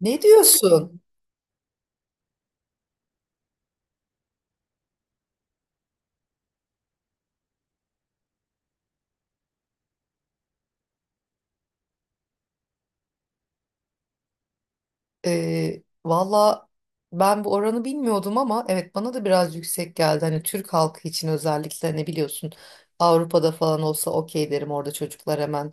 Ne diyorsun? Valla ben bu oranı bilmiyordum ama evet bana da biraz yüksek geldi. Hani Türk halkı için özellikle ne biliyorsun Avrupa'da falan olsa okey derim, orada çocuklar hemen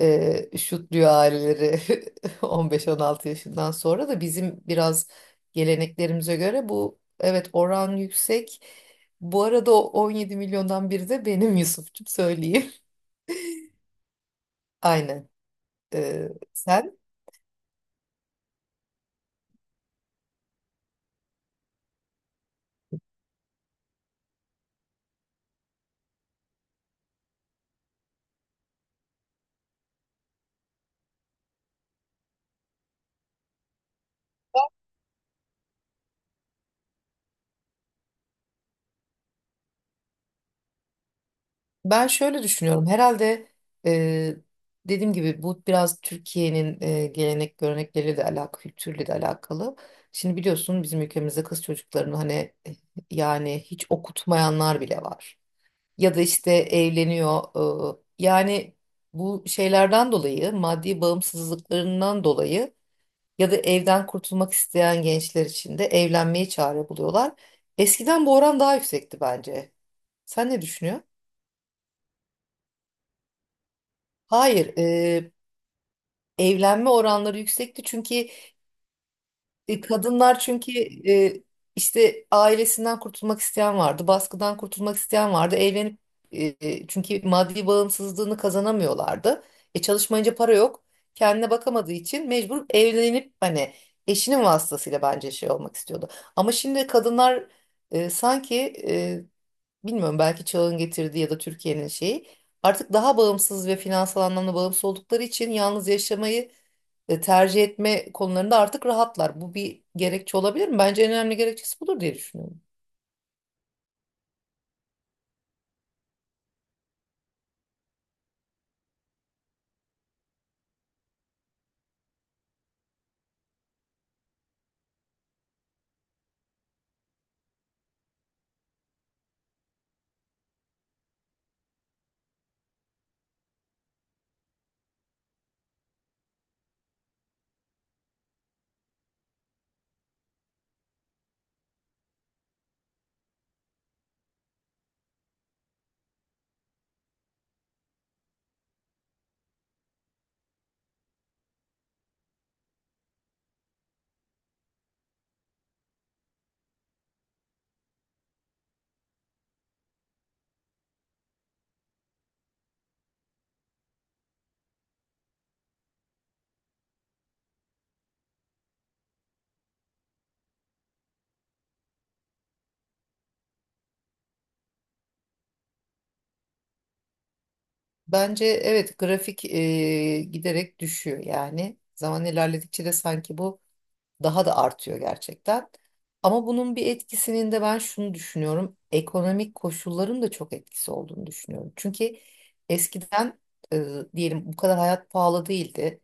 şutluyor aileleri. 15-16 yaşından sonra da bizim biraz geleneklerimize göre bu, evet, oran yüksek. Bu arada o 17 milyondan biri de benim, Yusuf'cum, söyleyeyim. Aynen. Sen? Ben şöyle düşünüyorum. Herhalde e, dediğim gibi bu biraz Türkiye'nin gelenek görenekleriyle de alakalı, kültürle de alakalı. Şimdi biliyorsun bizim ülkemizde kız çocuklarını hani e, yani hiç okutmayanlar bile var. Ya da işte evleniyor. Yani bu şeylerden dolayı, maddi bağımsızlıklarından dolayı ya da evden kurtulmak isteyen gençler için de evlenmeyi çare buluyorlar. Eskiden bu oran daha yüksekti bence. Sen ne düşünüyorsun? Hayır, evlenme oranları yüksekti çünkü kadınlar çünkü e, işte ailesinden kurtulmak isteyen vardı, baskıdan kurtulmak isteyen vardı. Evlenip, çünkü maddi bağımsızlığını kazanamıyorlardı. E çalışmayınca para yok. Kendine bakamadığı için mecbur evlenip hani eşinin vasıtasıyla bence şey olmak istiyordu. Ama şimdi kadınlar sanki e, bilmiyorum, belki çağın getirdiği ya da Türkiye'nin şeyi, artık daha bağımsız ve finansal anlamda bağımsız oldukları için yalnız yaşamayı tercih etme konularında artık rahatlar. Bu bir gerekçe olabilir mi? Bence en önemli gerekçesi budur diye düşünüyorum. Bence evet, grafik giderek düşüyor yani. Zaman ilerledikçe de sanki bu daha da artıyor gerçekten. Ama bunun bir etkisinin de ben şunu düşünüyorum. Ekonomik koşulların da çok etkisi olduğunu düşünüyorum. Çünkü eskiden e, diyelim, bu kadar hayat pahalı değildi.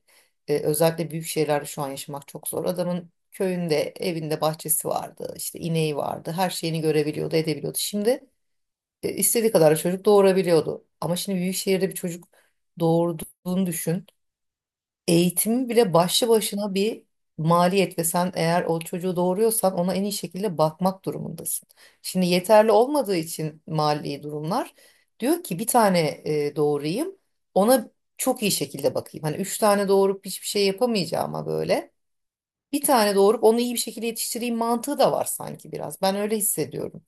E, özellikle büyük şehirlerde şu an yaşamak çok zor. Adamın köyünde, evinde bahçesi vardı, işte ineği vardı. Her şeyini görebiliyordu, edebiliyordu. Şimdi istediği kadar çocuk doğurabiliyordu. Ama şimdi büyük şehirde bir çocuk doğurduğunu düşün. Eğitimi bile başlı başına bir maliyet ve sen eğer o çocuğu doğuruyorsan ona en iyi şekilde bakmak durumundasın. Şimdi yeterli olmadığı için mali durumlar, diyor ki bir tane doğurayım, ona çok iyi şekilde bakayım. Hani üç tane doğurup hiçbir şey yapamayacağıma böyle bir tane doğurup onu iyi bir şekilde yetiştireyim mantığı da var sanki biraz. Ben öyle hissediyorum.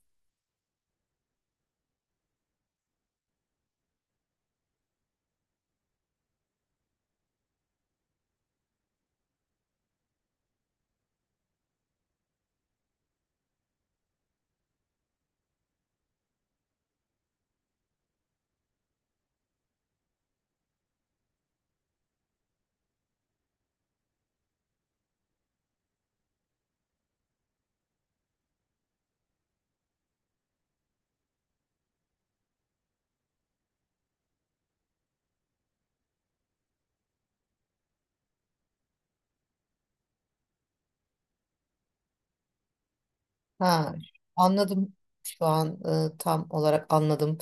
Ha, anladım. Şu an tam olarak anladım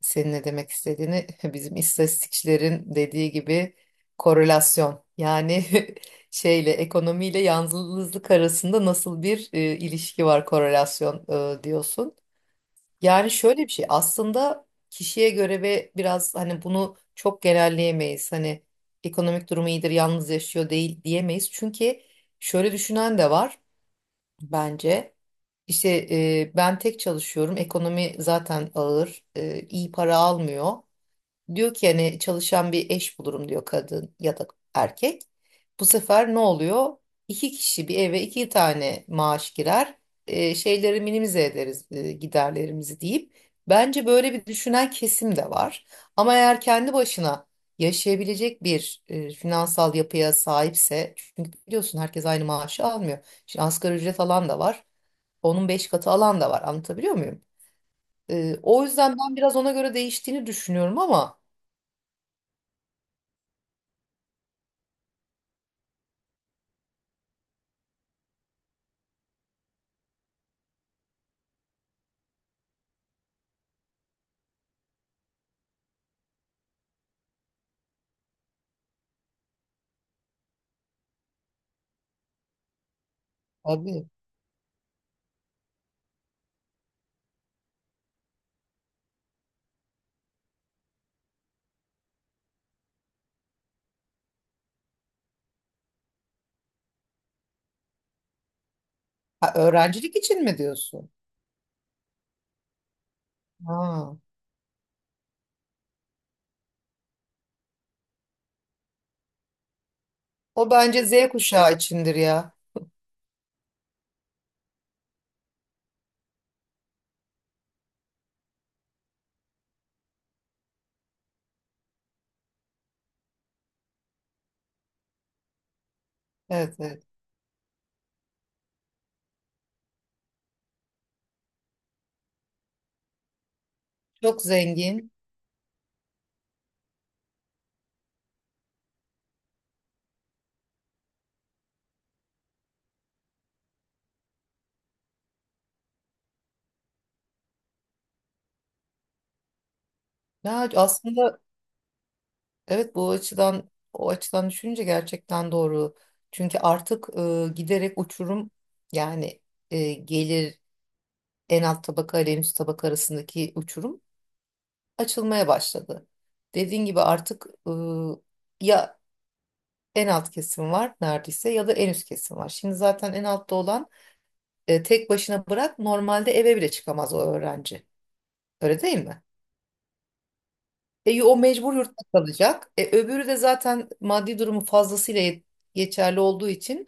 senin ne demek istediğini. Bizim istatistikçilerin dediği gibi korelasyon yani şeyle, ekonomiyle yalnızlık arasında nasıl bir ilişki var, korelasyon diyorsun. Yani şöyle bir şey, aslında kişiye göre ve biraz hani bunu çok genelleyemeyiz. Hani ekonomik durumu iyidir, yalnız yaşıyor değil diyemeyiz. Çünkü şöyle düşünen de var bence. İşte ben tek çalışıyorum. Ekonomi zaten ağır. E, iyi para almıyor. Diyor ki hani çalışan bir eş bulurum diyor kadın ya da erkek. Bu sefer ne oluyor? İki kişi bir eve iki tane maaş girer. E, şeyleri minimize ederiz, giderlerimizi deyip. Bence böyle bir düşünen kesim de var. Ama eğer kendi başına yaşayabilecek bir finansal yapıya sahipse, çünkü biliyorsun herkes aynı maaşı almıyor. Şimdi asgari ücret alan da var. Onun beş katı alan da var. Anlatabiliyor muyum? E, o yüzden ben biraz ona göre değiştiğini düşünüyorum ama. Abi. Ha, öğrencilik için mi diyorsun? Ha. O bence Z kuşağı içindir ya. Evet, evet. Çok zengin. Ya aslında evet, bu açıdan, o açıdan düşününce gerçekten doğru. Çünkü artık giderek uçurum yani, gelir, en alt tabaka ile en üst tabaka arasındaki uçurum açılmaya başladı. Dediğin gibi artık ya en alt kesim var neredeyse ya da en üst kesim var. Şimdi zaten en altta olan, E, tek başına bırak, normalde eve bile çıkamaz o öğrenci. Öyle değil mi? E, o mecbur yurtta kalacak. E, öbürü de zaten maddi durumu fazlasıyla yet- geçerli olduğu için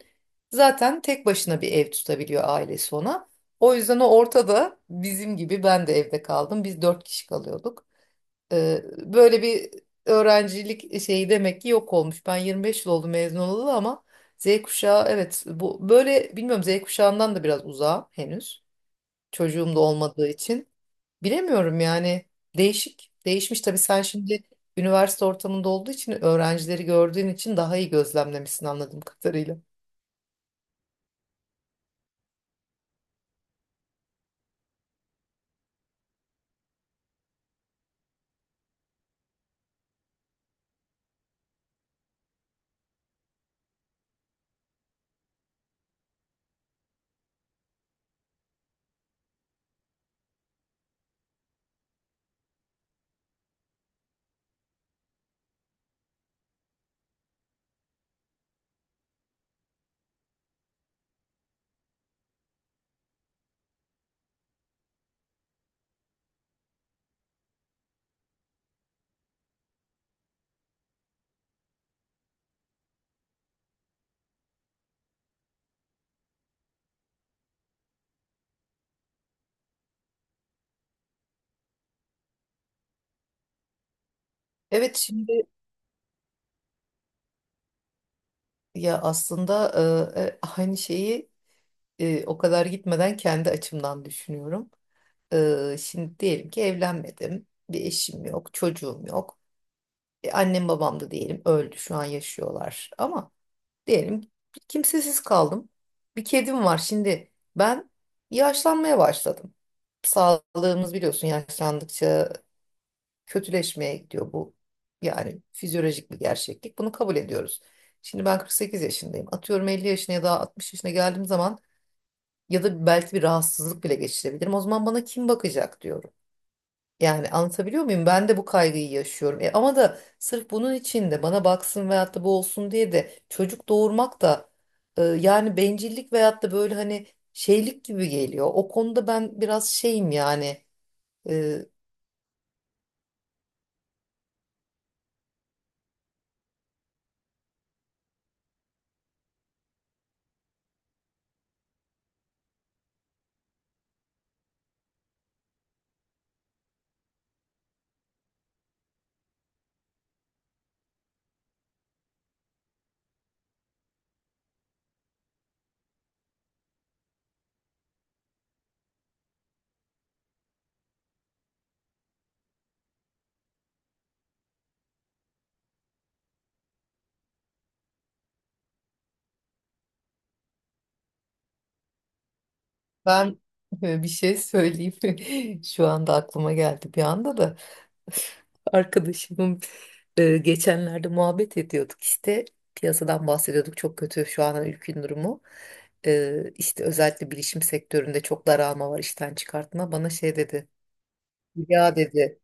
zaten tek başına bir ev tutabiliyor, ailesi ona. O yüzden o ortada, bizim gibi, ben de evde kaldım. Biz dört kişi kalıyorduk. E, böyle bir öğrencilik şeyi demek ki yok olmuş. Ben 25 yıl oldu mezun olalı ama Z kuşağı, evet bu böyle, bilmiyorum, Z kuşağından da biraz uzağa henüz, çocuğum da olmadığı için. Bilemiyorum yani, değişik. Değişmiş tabii, sen şimdi üniversite ortamında olduğu için, öğrencileri gördüğün için daha iyi gözlemlemişsin anladığım kadarıyla. Evet şimdi, ya aslında aynı şeyi o kadar gitmeden kendi açımdan düşünüyorum. Şimdi diyelim ki evlenmedim. Bir eşim yok, çocuğum yok. E, annem babam da diyelim öldü, şu an yaşıyorlar. Ama diyelim kimsesiz kaldım. Bir kedim var. Şimdi ben yaşlanmaya başladım. Sağlığımız biliyorsun yaşlandıkça kötüleşmeye gidiyor bu. Yani fizyolojik bir gerçeklik. Bunu kabul ediyoruz. Şimdi ben 48 yaşındayım. Atıyorum 50 yaşına ya da 60 yaşına geldiğim zaman ya da belki bir rahatsızlık bile geçirebilirim. O zaman bana kim bakacak diyorum. Yani anlatabiliyor muyum? Ben de bu kaygıyı yaşıyorum. E, ama da sırf bunun için de bana baksın veyahut da bu olsun diye de çocuk doğurmak da yani bencillik veyahut da böyle hani şeylik gibi geliyor. O konuda ben biraz şeyim yani. E, Ben bir şey söyleyeyim. Şu anda aklıma geldi bir anda da. Arkadaşımın geçenlerde muhabbet ediyorduk işte, piyasadan bahsediyorduk, çok kötü şu an ülkenin durumu. E, işte özellikle bilişim sektöründe çok daralma var, işten çıkartma, bana şey dedi, ya dedi,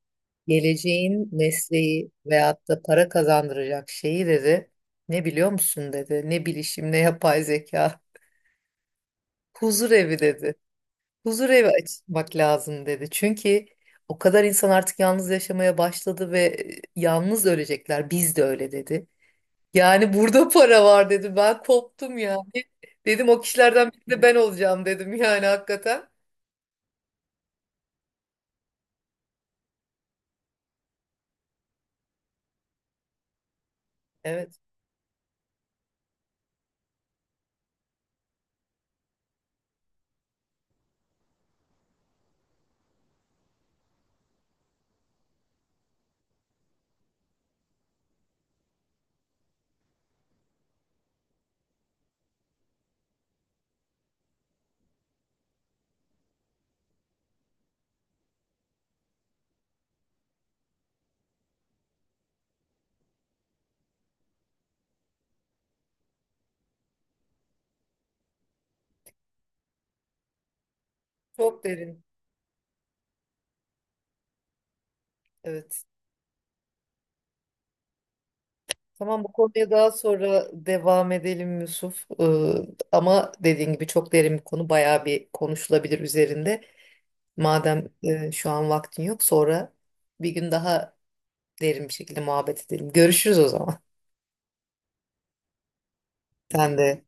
geleceğin mesleği veyahut da para kazandıracak şeyi dedi ne biliyor musun dedi, ne bilişim ne yapay zeka, huzur evi dedi. Huzur evi açmak lazım dedi. Çünkü o kadar insan artık yalnız yaşamaya başladı ve yalnız ölecekler. Biz de öyle dedi. Yani burada para var dedi. Ben koptum yani. Dedim o kişilerden biri de ben olacağım dedim yani, hakikaten. Evet. Çok derin. Evet. Tamam, bu konuya daha sonra devam edelim Yusuf. Ama dediğin gibi çok derin bir konu. Bayağı bir konuşulabilir üzerinde. Madem şu an vaktin yok, sonra bir gün daha derin bir şekilde muhabbet edelim. Görüşürüz o zaman. Sen de.